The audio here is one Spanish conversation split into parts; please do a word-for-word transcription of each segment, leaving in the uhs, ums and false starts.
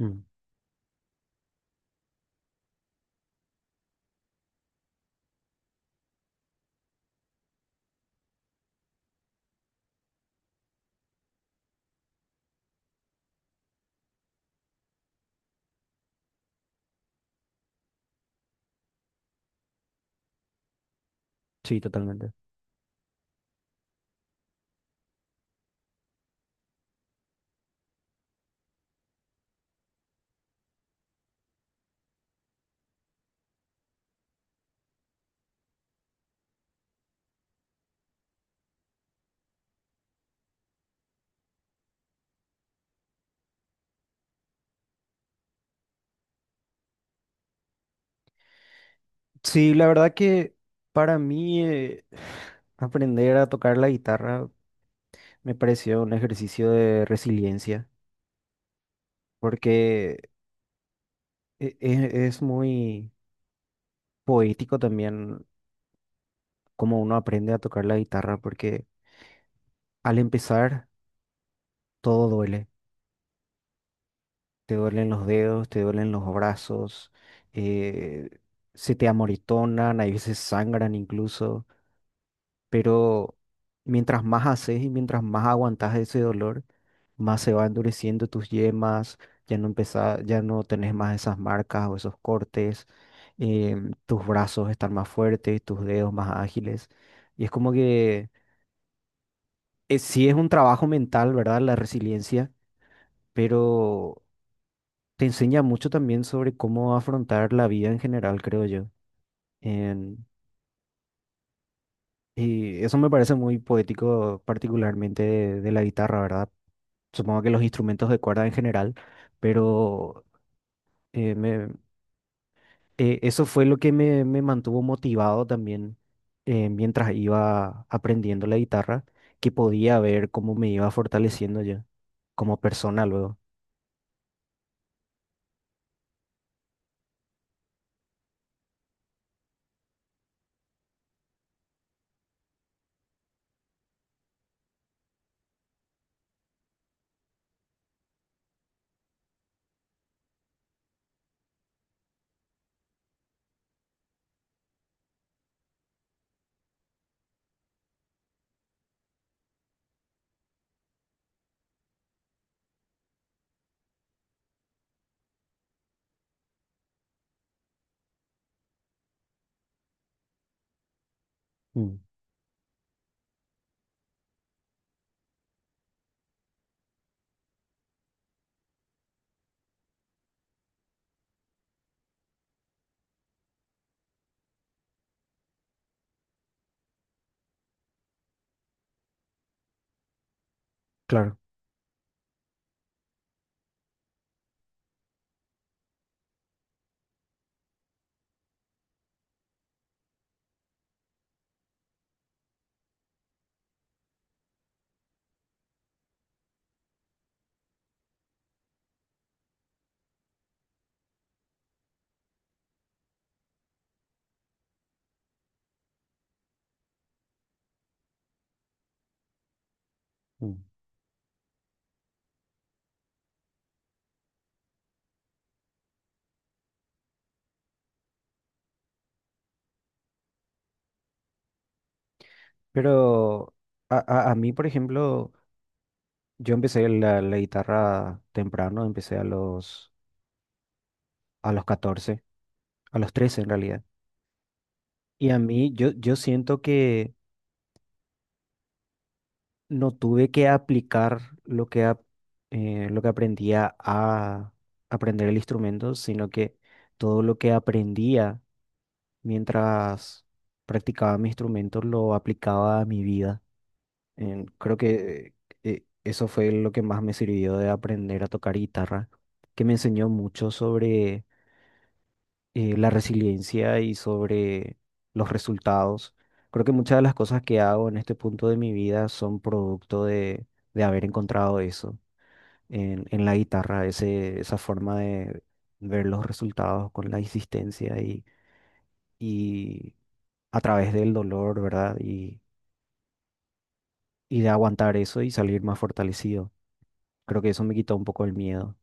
Mm, sí, totalmente. Sí, la verdad que para mí eh, aprender a tocar la guitarra me pareció un ejercicio de resiliencia, porque e- e- es muy poético también cómo uno aprende a tocar la guitarra, porque al empezar todo duele. Te duelen los dedos, te duelen los brazos, eh, se te amoritonan, hay veces sangran incluso. Pero mientras más haces y mientras más aguantas ese dolor, más se va endureciendo tus yemas, ya no empezá- ya no tenés más esas marcas o esos cortes, em, tus brazos están más fuertes, tus dedos más ágiles. Y es como que es, sí es un trabajo mental, ¿verdad? La resiliencia, pero te enseña mucho también sobre cómo afrontar la vida en general, creo yo. En- y eso me parece muy poético, particularmente de de la guitarra, ¿verdad? Supongo que los instrumentos de cuerda en general, pero eh, me- eh, eso fue lo que me, me mantuvo motivado también eh, mientras iba aprendiendo la guitarra, que podía ver cómo me iba fortaleciendo yo como persona luego. Mm. Claro. Mm. Pero a, a, a mí, por ejemplo, yo empecé la, la guitarra temprano, empecé a los, a los catorce, a los trece en realidad. Y a mí, yo, yo siento que no tuve que aplicar lo que, ap- eh, lo que aprendía a aprender el instrumento, sino que todo lo que aprendía mientras practicaba mi instrumento lo aplicaba a mi vida. En- creo que eh, eso fue lo que más me sirvió de aprender a tocar guitarra, que me enseñó mucho sobre eh, la resiliencia y sobre los resultados. Creo que muchas de las cosas que hago en este punto de mi vida son producto de, de haber encontrado eso en, en la guitarra, ese, esa forma de ver los resultados con la insistencia y, y a través del dolor, ¿verdad? Y, y de aguantar eso y salir más fortalecido. Creo que eso me quitó un poco el miedo.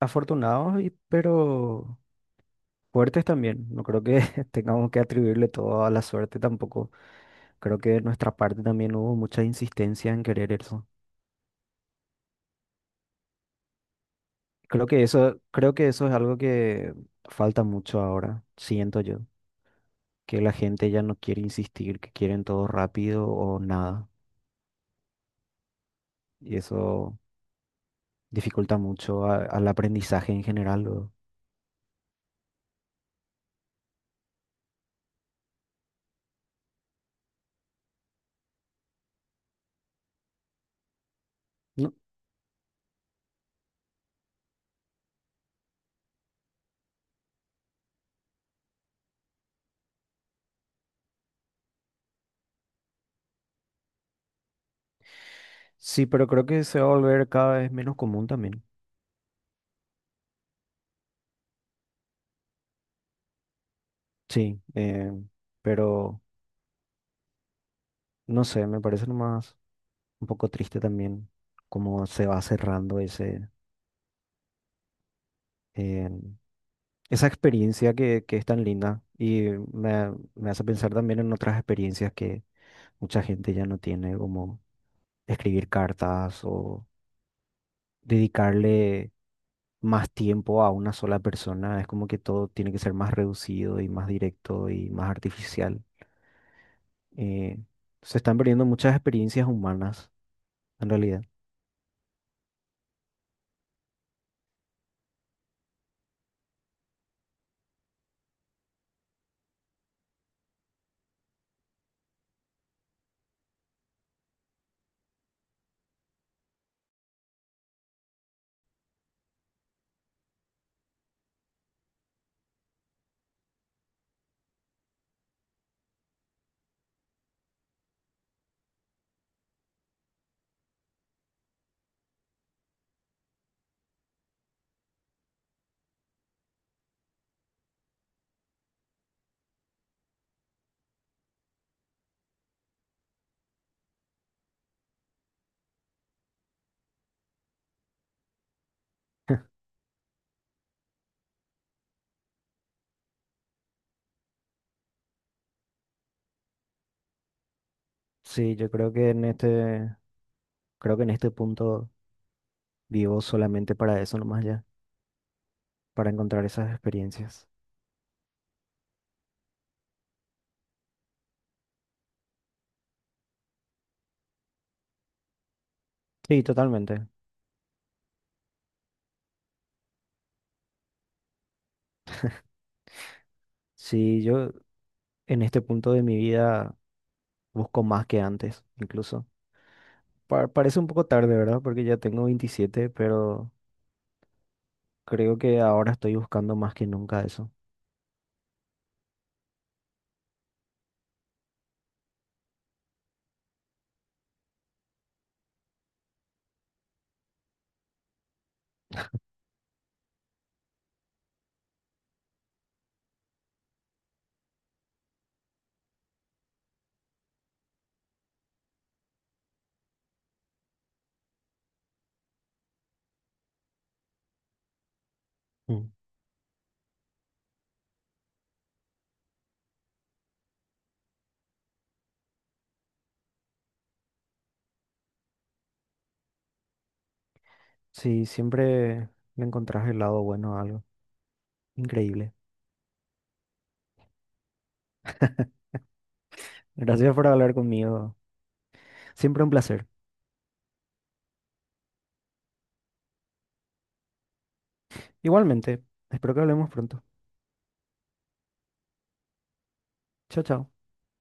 Afortunado, y- pero fuertes también, no creo que tengamos que atribuirle todo a la suerte tampoco. Creo que de nuestra parte también hubo mucha insistencia en querer eso. Creo que eso, creo que eso es algo que falta mucho ahora, siento yo, que la gente ya no quiere insistir, que quieren todo rápido o nada. Y eso dificulta mucho a- al aprendizaje en general luego. No, sí, pero creo que se va a volver cada vez menos común también. Sí, eh, pero no sé, me parece nomás un poco triste también cómo se va cerrando ese, eh, esa experiencia que, que es tan linda y me, me hace pensar también en otras experiencias que mucha gente ya no tiene, como escribir cartas o dedicarle más tiempo a una sola persona. Es como que todo tiene que ser más reducido y más directo y más artificial. Eh, se están perdiendo muchas experiencias humanas, en realidad. Sí, yo creo que en este, creo que en este punto, vivo solamente para eso nomás ya, para encontrar esas experiencias. Sí, totalmente. Sí, yo en este punto de mi vida busco más que antes, incluso. Pa- parece un poco tarde, ¿verdad? Porque ya tengo veintisiete, pero creo que ahora estoy buscando más que nunca eso. Mm. Sí, siempre me encontrás el lado bueno a algo. Increíble. Gracias por hablar conmigo. Siempre un placer. Igualmente, espero que hablemos pronto. Chao, chao.